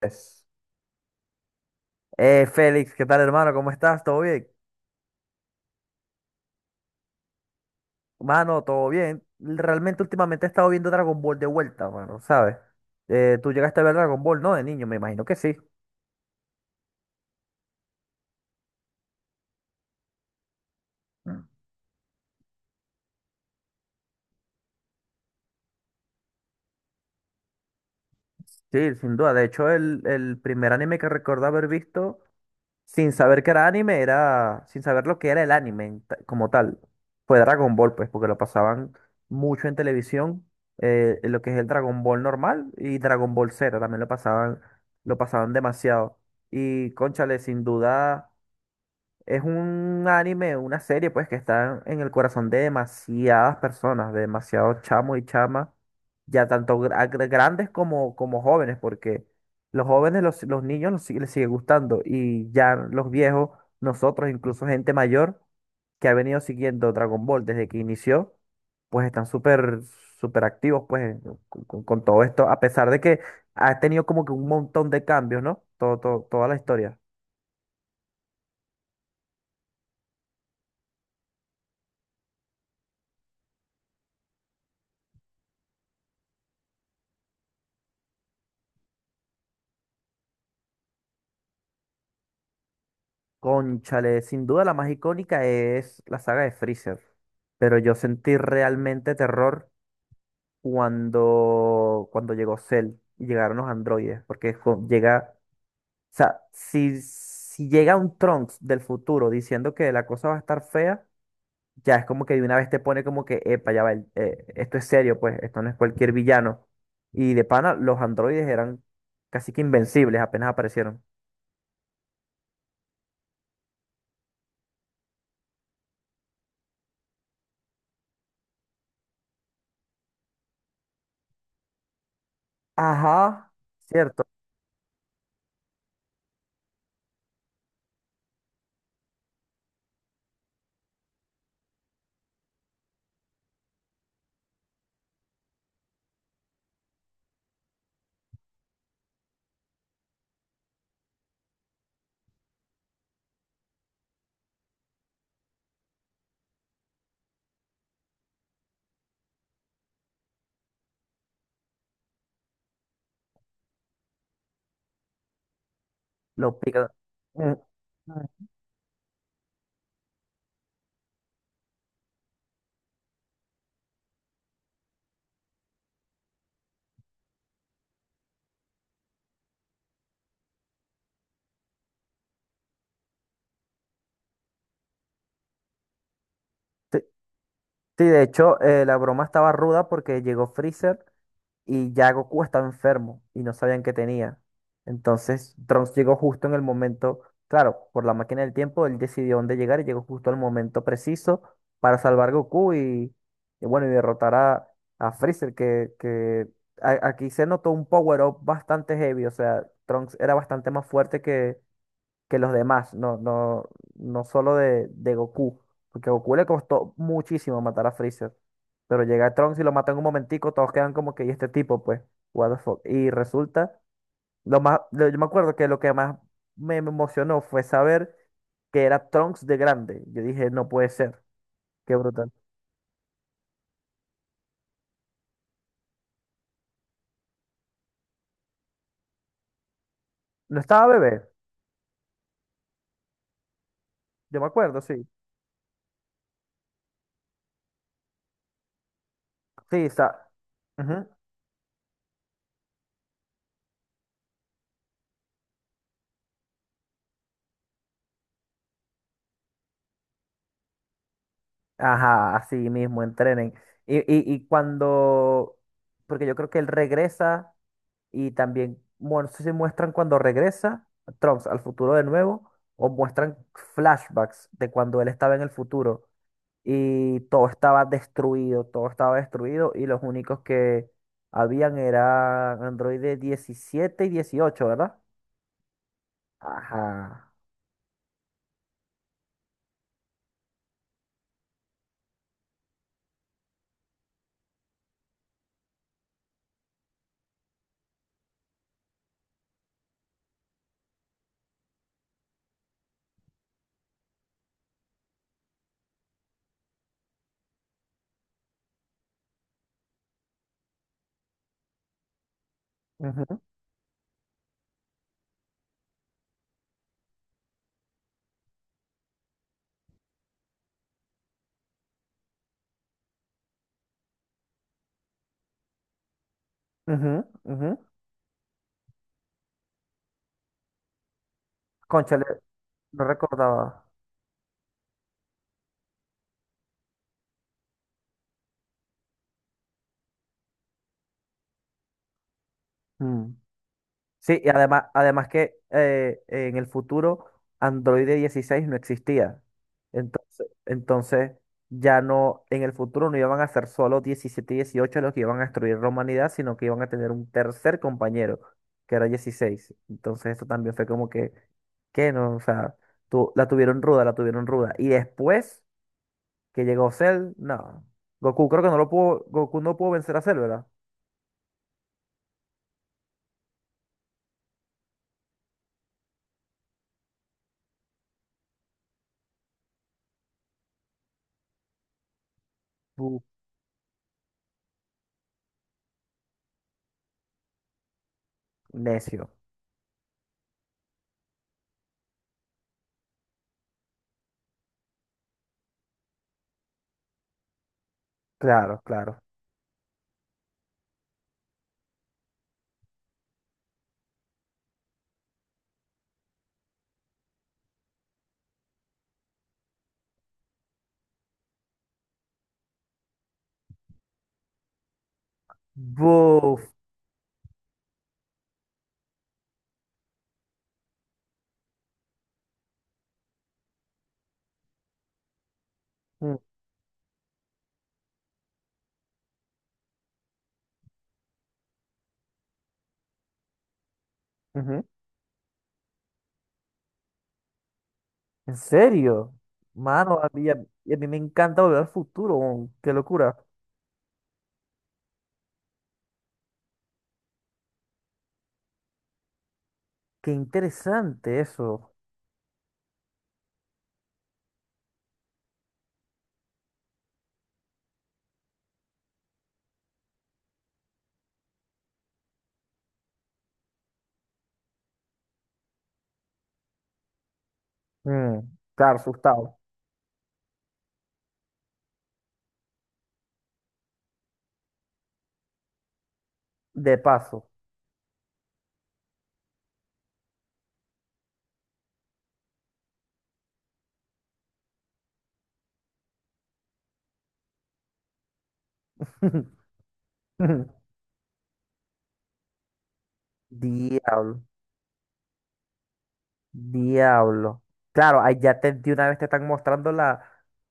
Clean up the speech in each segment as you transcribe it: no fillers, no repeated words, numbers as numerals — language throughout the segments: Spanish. Es Félix, ¿qué tal, hermano? ¿Cómo estás? ¿Todo bien? Mano, todo bien. Realmente últimamente he estado viendo Dragon Ball de vuelta, mano, ¿sabes? Tú llegaste a ver Dragon Ball, ¿no? De niño, me imagino que sí. Mm. Sí, sin duda. De hecho, el primer anime que recuerdo haber visto sin saber que era anime, sin saber lo que era el anime como tal. Fue Dragon Ball, pues, porque lo pasaban mucho en televisión, lo que es el Dragon Ball normal y Dragon Ball Zero, también lo pasaban demasiado. Y cónchale, sin duda. Es un anime, una serie, pues, que está en el corazón de demasiadas personas, de demasiados chamos y chamas, ya tanto grandes como, como jóvenes, porque los jóvenes, los niños les sigue gustando, y ya los viejos, nosotros, incluso gente mayor que ha venido siguiendo Dragon Ball desde que inició, pues están súper, súper activos, pues, con todo esto, a pesar de que ha tenido como que un montón de cambios, ¿no? Toda la historia. Cónchale, sin duda la más icónica es la saga de Freezer, pero yo sentí realmente terror cuando llegó Cell y llegaron los androides, porque o sea, si llega un Trunks del futuro diciendo que la cosa va a estar fea, ya es como que de una vez te pone como que, epa, ya va, esto es serio, pues, esto no es cualquier villano. Y de pana, los androides eran casi que invencibles, apenas aparecieron. Ajá, cierto, lo pica. Mm. Sí, sí, de hecho, la broma estaba ruda porque llegó Freezer y ya Goku estaba enfermo y no sabían qué tenía. Entonces, Trunks llegó justo en el momento, claro, por la máquina del tiempo, él decidió dónde llegar y llegó justo al momento preciso para salvar a Goku y bueno, y derrotar a Freezer, que aquí se notó un power up bastante heavy, o sea, Trunks era bastante más fuerte que los demás, no, no, no solo de Goku, porque a Goku le costó muchísimo matar a Freezer, pero llega Trunks y lo mata en un momentico, todos quedan como que, ¿y este tipo? Pues, what the fuck, y resulta, yo me acuerdo que lo que más me emocionó fue saber que era Trunks de grande, yo dije, no puede ser, qué brutal. No estaba bebé, yo me acuerdo, sí, sí, sa- Ujú. Ajá, así mismo, entrenen. Y cuando, porque yo creo que él regresa y también, bueno, no sé si muestran cuando regresa Trunks al futuro de nuevo o muestran flashbacks de cuando él estaba en el futuro y todo estaba destruido y los únicos que habían eran androides 17 y 18, ¿verdad? Ajá. Ujú, ujú, ujú. Cónchale, no recordaba. Mm. Sí, y además, además que en el futuro Android 16 no existía. Entonces ya no, en el futuro no iban a ser solo 17 y 18 los que iban a destruir la humanidad, sino que iban a tener un tercer compañero, que era 16. Entonces eso también fue como que no, o sea, la tuvieron ruda, la tuvieron ruda. Y después que llegó Cell, no. Goku creo que no lo pudo, Goku no pudo vencer a Cell, ¿verdad? Buf, necio. Claro, claro. Buf. Ujú. ¿En serio? Mano, a mí me encanta volver al futuro. Weón. Qué locura. Qué interesante eso. Mm, claro, asustado. De paso. Diablo. Diablo. Claro, ahí ya te, de una vez te están mostrando la,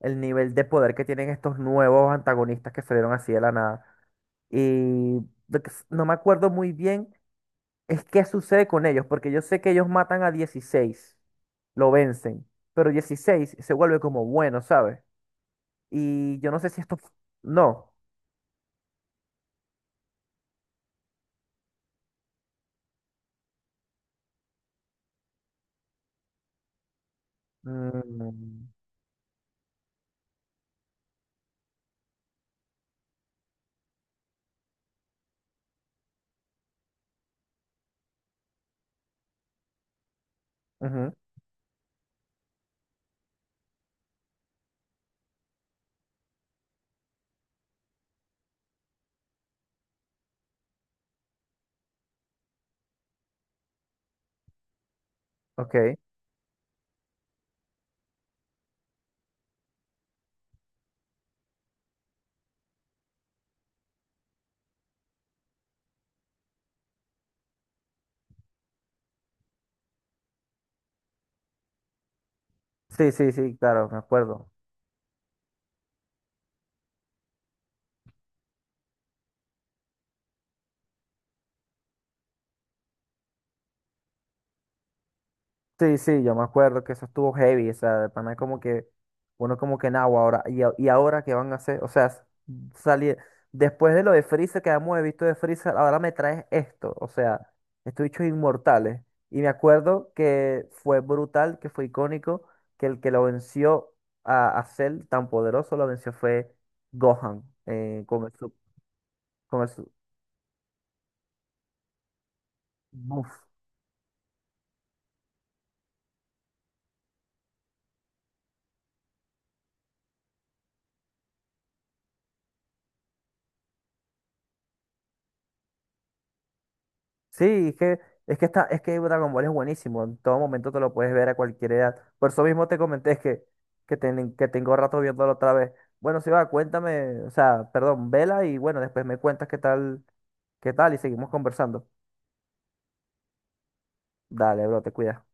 el nivel de poder que tienen estos nuevos antagonistas que salieron así de la nada. Y no me acuerdo muy bien es que sucede con ellos, porque yo sé que ellos matan a 16, lo vencen, pero 16 se vuelve como bueno, ¿sabes? Y yo no sé si esto... No. Mm, ujú, ok. Sí, sí, sí, claro, me acuerdo. Sí, sí, yo me acuerdo que eso estuvo heavy, o sea, de pana como que uno como que nagua ahora, y ahora qué van a hacer, o sea, salir, después de lo de Freezer que hemos visto de Freezer, ahora me traes esto, o sea, estos bichos inmortales, y me acuerdo que fue brutal, que fue icónico, que el que lo venció a Cell tan poderoso, lo venció fue Gohan, con el, su- buf. Sí, es que está, es que Dragon Ball es buenísimo. En todo momento te lo puedes ver a cualquier edad. Por eso mismo te comenté que, que tengo rato viéndolo otra vez. Bueno, si va, cuéntame, o sea, perdón, vela y bueno, después me cuentas qué tal y seguimos conversando. Dale, bro, te cuidas.